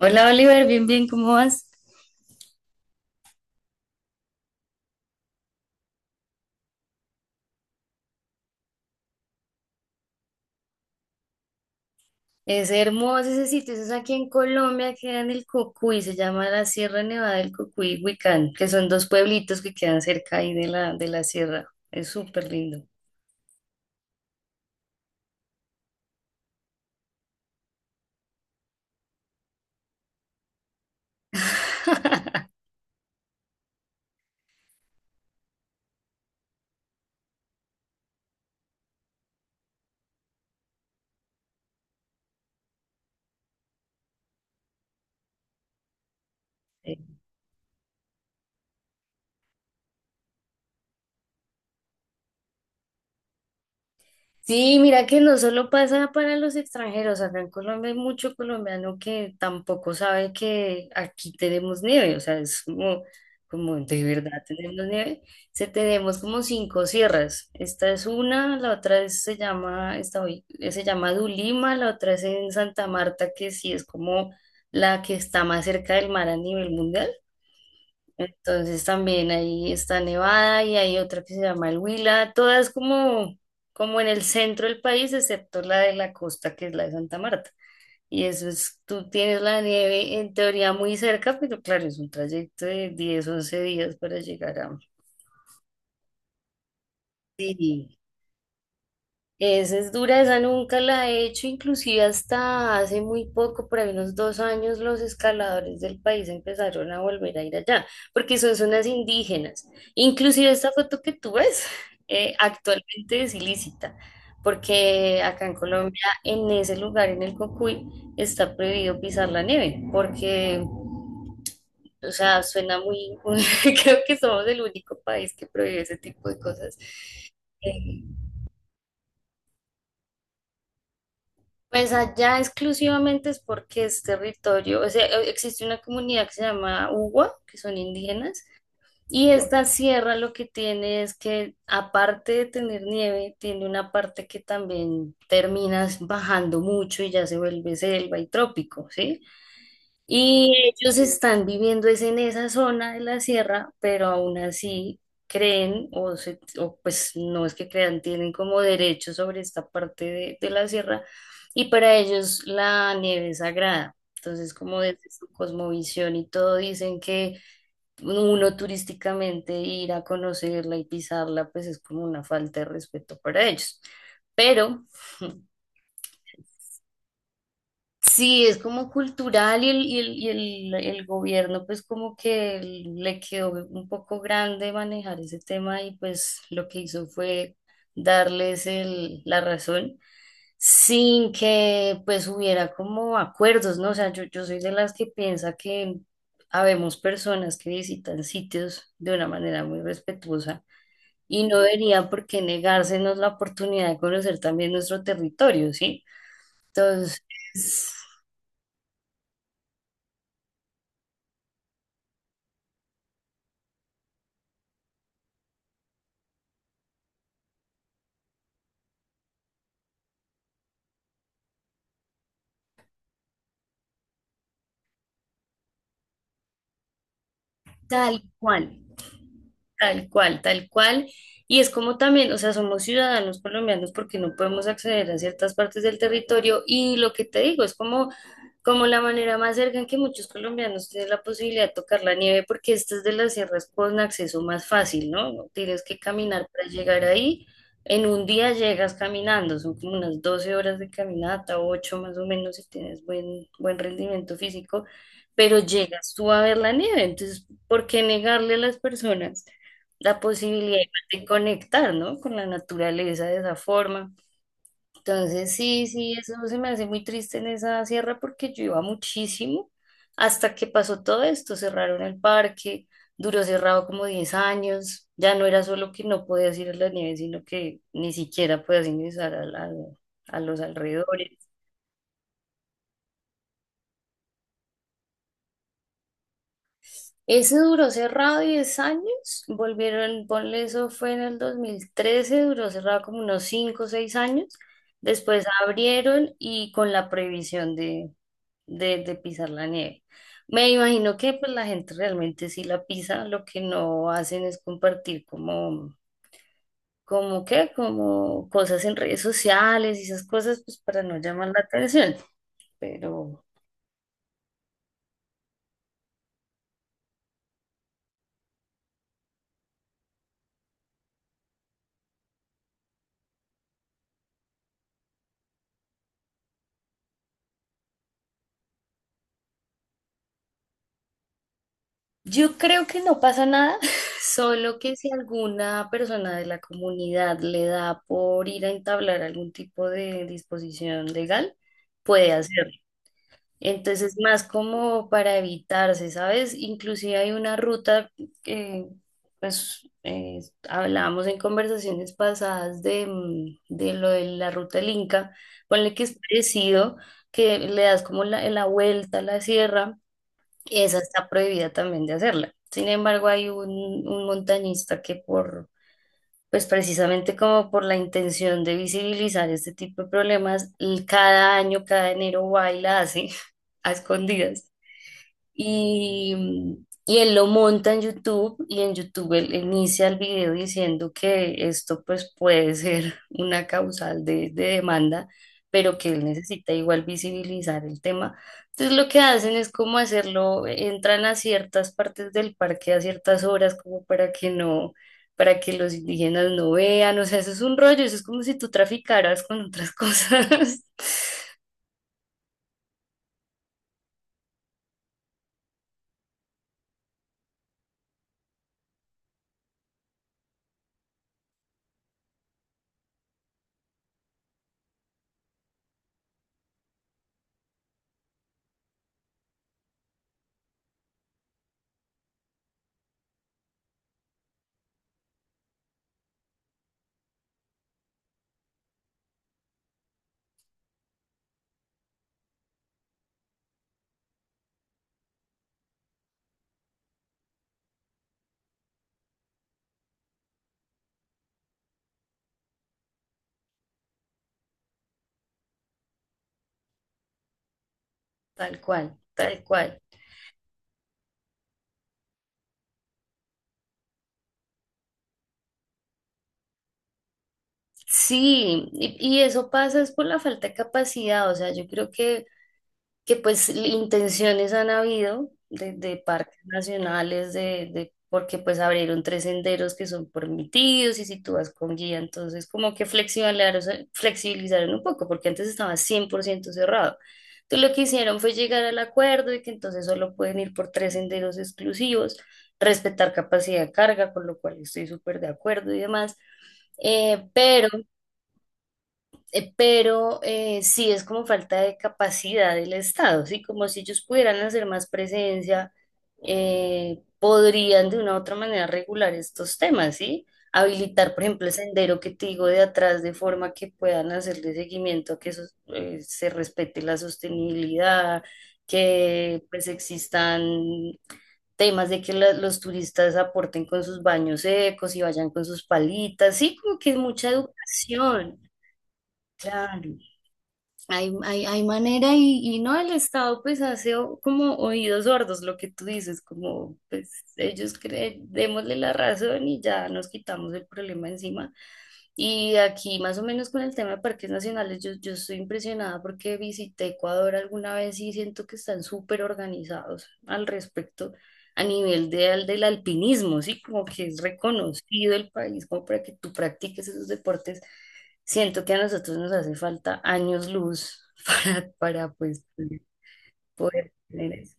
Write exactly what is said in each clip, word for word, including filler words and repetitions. Hola Oliver, bien, bien, ¿cómo vas? Es hermoso ese sitio, eso es aquí en Colombia, queda en el Cocuy, se llama la Sierra Nevada del Cocuy y Huicán, que son dos pueblitos que quedan cerca ahí de la, de la sierra, es súper lindo. Sí, mira que no solo pasa para los extranjeros, acá en Colombia hay mucho colombiano que tampoco sabe que aquí tenemos nieve, o sea, es como, como de verdad tenemos nieve. Se tenemos como cinco sierras, esta es una, la otra es- se llama, esta hoy, se llama Dulima, la otra es en Santa Marta, que sí es como la que está más cerca del mar a nivel mundial. Entonces también ahí está Nevada y hay otra que se llama el Huila, todas como, como en el centro del país, excepto la de la costa, que es la de Santa Marta. Y eso es, tú tienes la nieve en teoría muy cerca, pero claro, es un trayecto de diez once días para llegar a. Sí. Esa es dura, esa nunca la he hecho, inclusive hasta hace muy poco, por ahí unos dos años, los escaladores del país empezaron a volver a ir allá, porque son zonas indígenas. Inclusive esta foto que tú ves eh, actualmente es ilícita, porque acá en Colombia, en ese lugar, en el Cocuy, está prohibido pisar la nieve, porque, o sea, suena muy, muy- creo que somos el único país que prohíbe ese tipo de cosas. Eh, Pues allá exclusivamente es porque es territorio, o sea, e- existe una comunidad que se llama Ugua, que son indígenas, y esta sierra lo que tiene es que, aparte de tener nieve, tiene una parte que también terminas bajando mucho y ya se vuelve selva y trópico, ¿sí? Y ellos están viviendo es en esa zona de la sierra, pero aún así creen, o, se- o pues no es que crean, tienen como derecho sobre esta parte de, de la sierra, y para ellos la nieve es sagrada. Entonces, como desde su cosmovisión y todo, dicen que uno turísticamente ir a conocerla y pisarla, pues es como una falta de respeto para ellos. Pero sí, es como cultural y el, y el, y el, el gobierno pues como que le quedó un poco grande manejar ese tema y pues lo que hizo fue darles el, la razón sin que pues hubiera como acuerdos, ¿no? O sea, yo, yo soy de las que piensa que habemos personas que visitan sitios de una manera muy respetuosa y no debería por qué negársenos la oportunidad de conocer también nuestro territorio, ¿sí? Entonces, tal cual, tal cual, tal cual. Y es como también, o sea, somos ciudadanos colombianos porque no podemos acceder a ciertas partes del territorio y lo que te digo es como Como la manera más cerca en que muchos colombianos tienen la posibilidad de tocar la nieve, porque esta es de las sierras con acceso más fácil, ¿no? No tienes que caminar para llegar ahí. En un día llegas caminando, son como unas doce horas de caminata, ocho más o menos, si tienes buen, buen rendimiento físico, pero llegas tú a ver la nieve. Entonces, ¿por qué negarle a las personas la posibilidad de conectar, ¿no? Con la naturaleza de esa forma? Entonces, sí, sí, eso se me hace muy triste en esa sierra porque yo iba muchísimo hasta que pasó todo esto, cerraron el parque, duró cerrado como diez años, ya no era solo que no podías ir a la nieve, sino que ni siquiera podías ingresar a, la- a los alrededores. Ese duró cerrado diez años, volvieron, ponle eso fue en el dos mil trece, duró cerrado como unos cinco o seis años, después abrieron y con la prohibición de, de, de pisar la nieve. Me imagino que pues la gente realmente sí la pisa, lo que no hacen es compartir como, como qué, como cosas en redes sociales y esas cosas pues para no llamar la atención. Pero yo creo que no pasa nada, solo que si alguna persona de la comunidad le da por ir a entablar algún tipo de disposición legal, puede hacerlo. Entonces, más como para evitarse, ¿sabes? Inclusive hay una ruta que, pues, eh, hablábamos en conversaciones pasadas de, mm, de lo de la ruta del Inca, ponle que es parecido, que le das como la, la vuelta a la sierra, esa está prohibida también de hacerla. Sin embargo, hay un, un montañista que por pues precisamente como por la intención de visibilizar este tipo de problemas, y cada año, cada enero va y la hace a escondidas y, y él lo monta en YouTube y en YouTube él inicia el video diciendo que esto pues puede ser una causal de, de demanda, pero que él necesita igual visibilizar el tema. Entonces lo que hacen es como hacerlo, entran a ciertas partes del parque a ciertas horas como para que no... para que los indígenas no vean, o sea, eso es un rollo, eso es como si tú traficaras con otras cosas, tal cual, tal cual. Sí, y, y eso pasa es por la falta de capacidad, o sea, yo creo que, que pues l- intenciones han habido de, de parques nacionales, de, de, porque pues abrieron tres senderos que son permitidos y si tú vas con guía, entonces como que flexibilizaron, flexibilizaron un poco, porque antes estaba cien por ciento cerrado. Entonces lo que hicieron fue llegar al acuerdo de que entonces solo pueden ir por tres senderos exclusivos, respetar capacidad de carga, con lo cual estoy súper de acuerdo y demás. Eh, pero eh, Pero eh, sí es como falta de capacidad del Estado, ¿sí? Como si ellos pudieran hacer más presencia, eh, podrían de una u otra manera regular estos temas, ¿sí? Habilitar, por ejemplo, el sendero que te digo de atrás de forma que puedan hacerle seguimiento a que eso, eh, se respete la sostenibilidad, que pues existan temas de que la- los turistas aporten con sus baños secos y vayan con sus palitas, sí, como que mucha educación, claro. Hay, hay, hay manera y, y no el Estado pues hace o- como oídos sordos lo que tú dices, como pues ellos creen, démosle la razón y ya nos quitamos el problema encima. Y aquí más o menos con el tema de parques nacionales, yo, yo estoy impresionada porque visité Ecuador alguna vez y siento que están súper organizados al respecto a nivel de, al- del alpinismo, ¿sí? Como que es reconocido el país como para que tú practiques esos deportes. Siento que a nosotros nos hace falta años luz para, para pues, poder tener eso.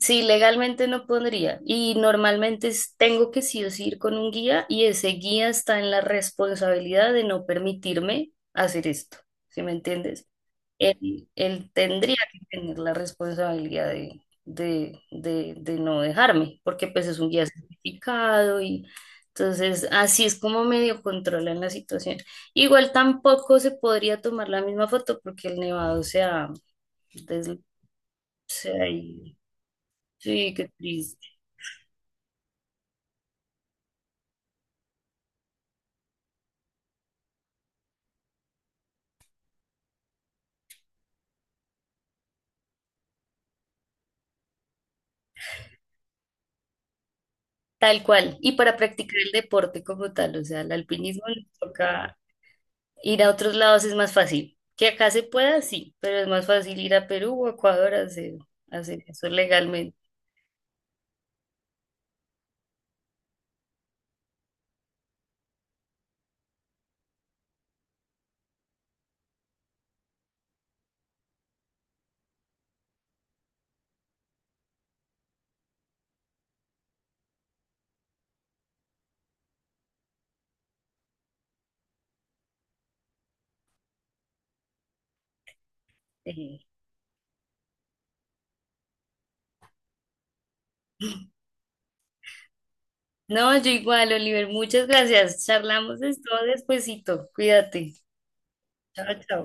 Sí, legalmente no podría. Y normalmente es- tengo que sí o sí ir con un guía y ese guía está en la responsabilidad de no permitirme hacer esto. ¿Sí me entiendes? él, él tendría que tener la responsabilidad de, de, de, de no dejarme, porque pues es un guía certificado y entonces así es como medio controlan la situación. Igual tampoco se podría tomar la misma foto porque el nevado se ha des- se ha ido. Sí, qué triste. Tal cual. Y para practicar el deporte como tal, o sea, el alpinismo nos toca ir a otros lados, es más fácil. Que acá se pueda, sí, pero es más fácil ir a Perú o Ecuador a hacer, a hacer eso legalmente. Eh, No, yo igual, Oliver, muchas gracias. Charlamos de esto despuesito. Cuídate. Chao, chao.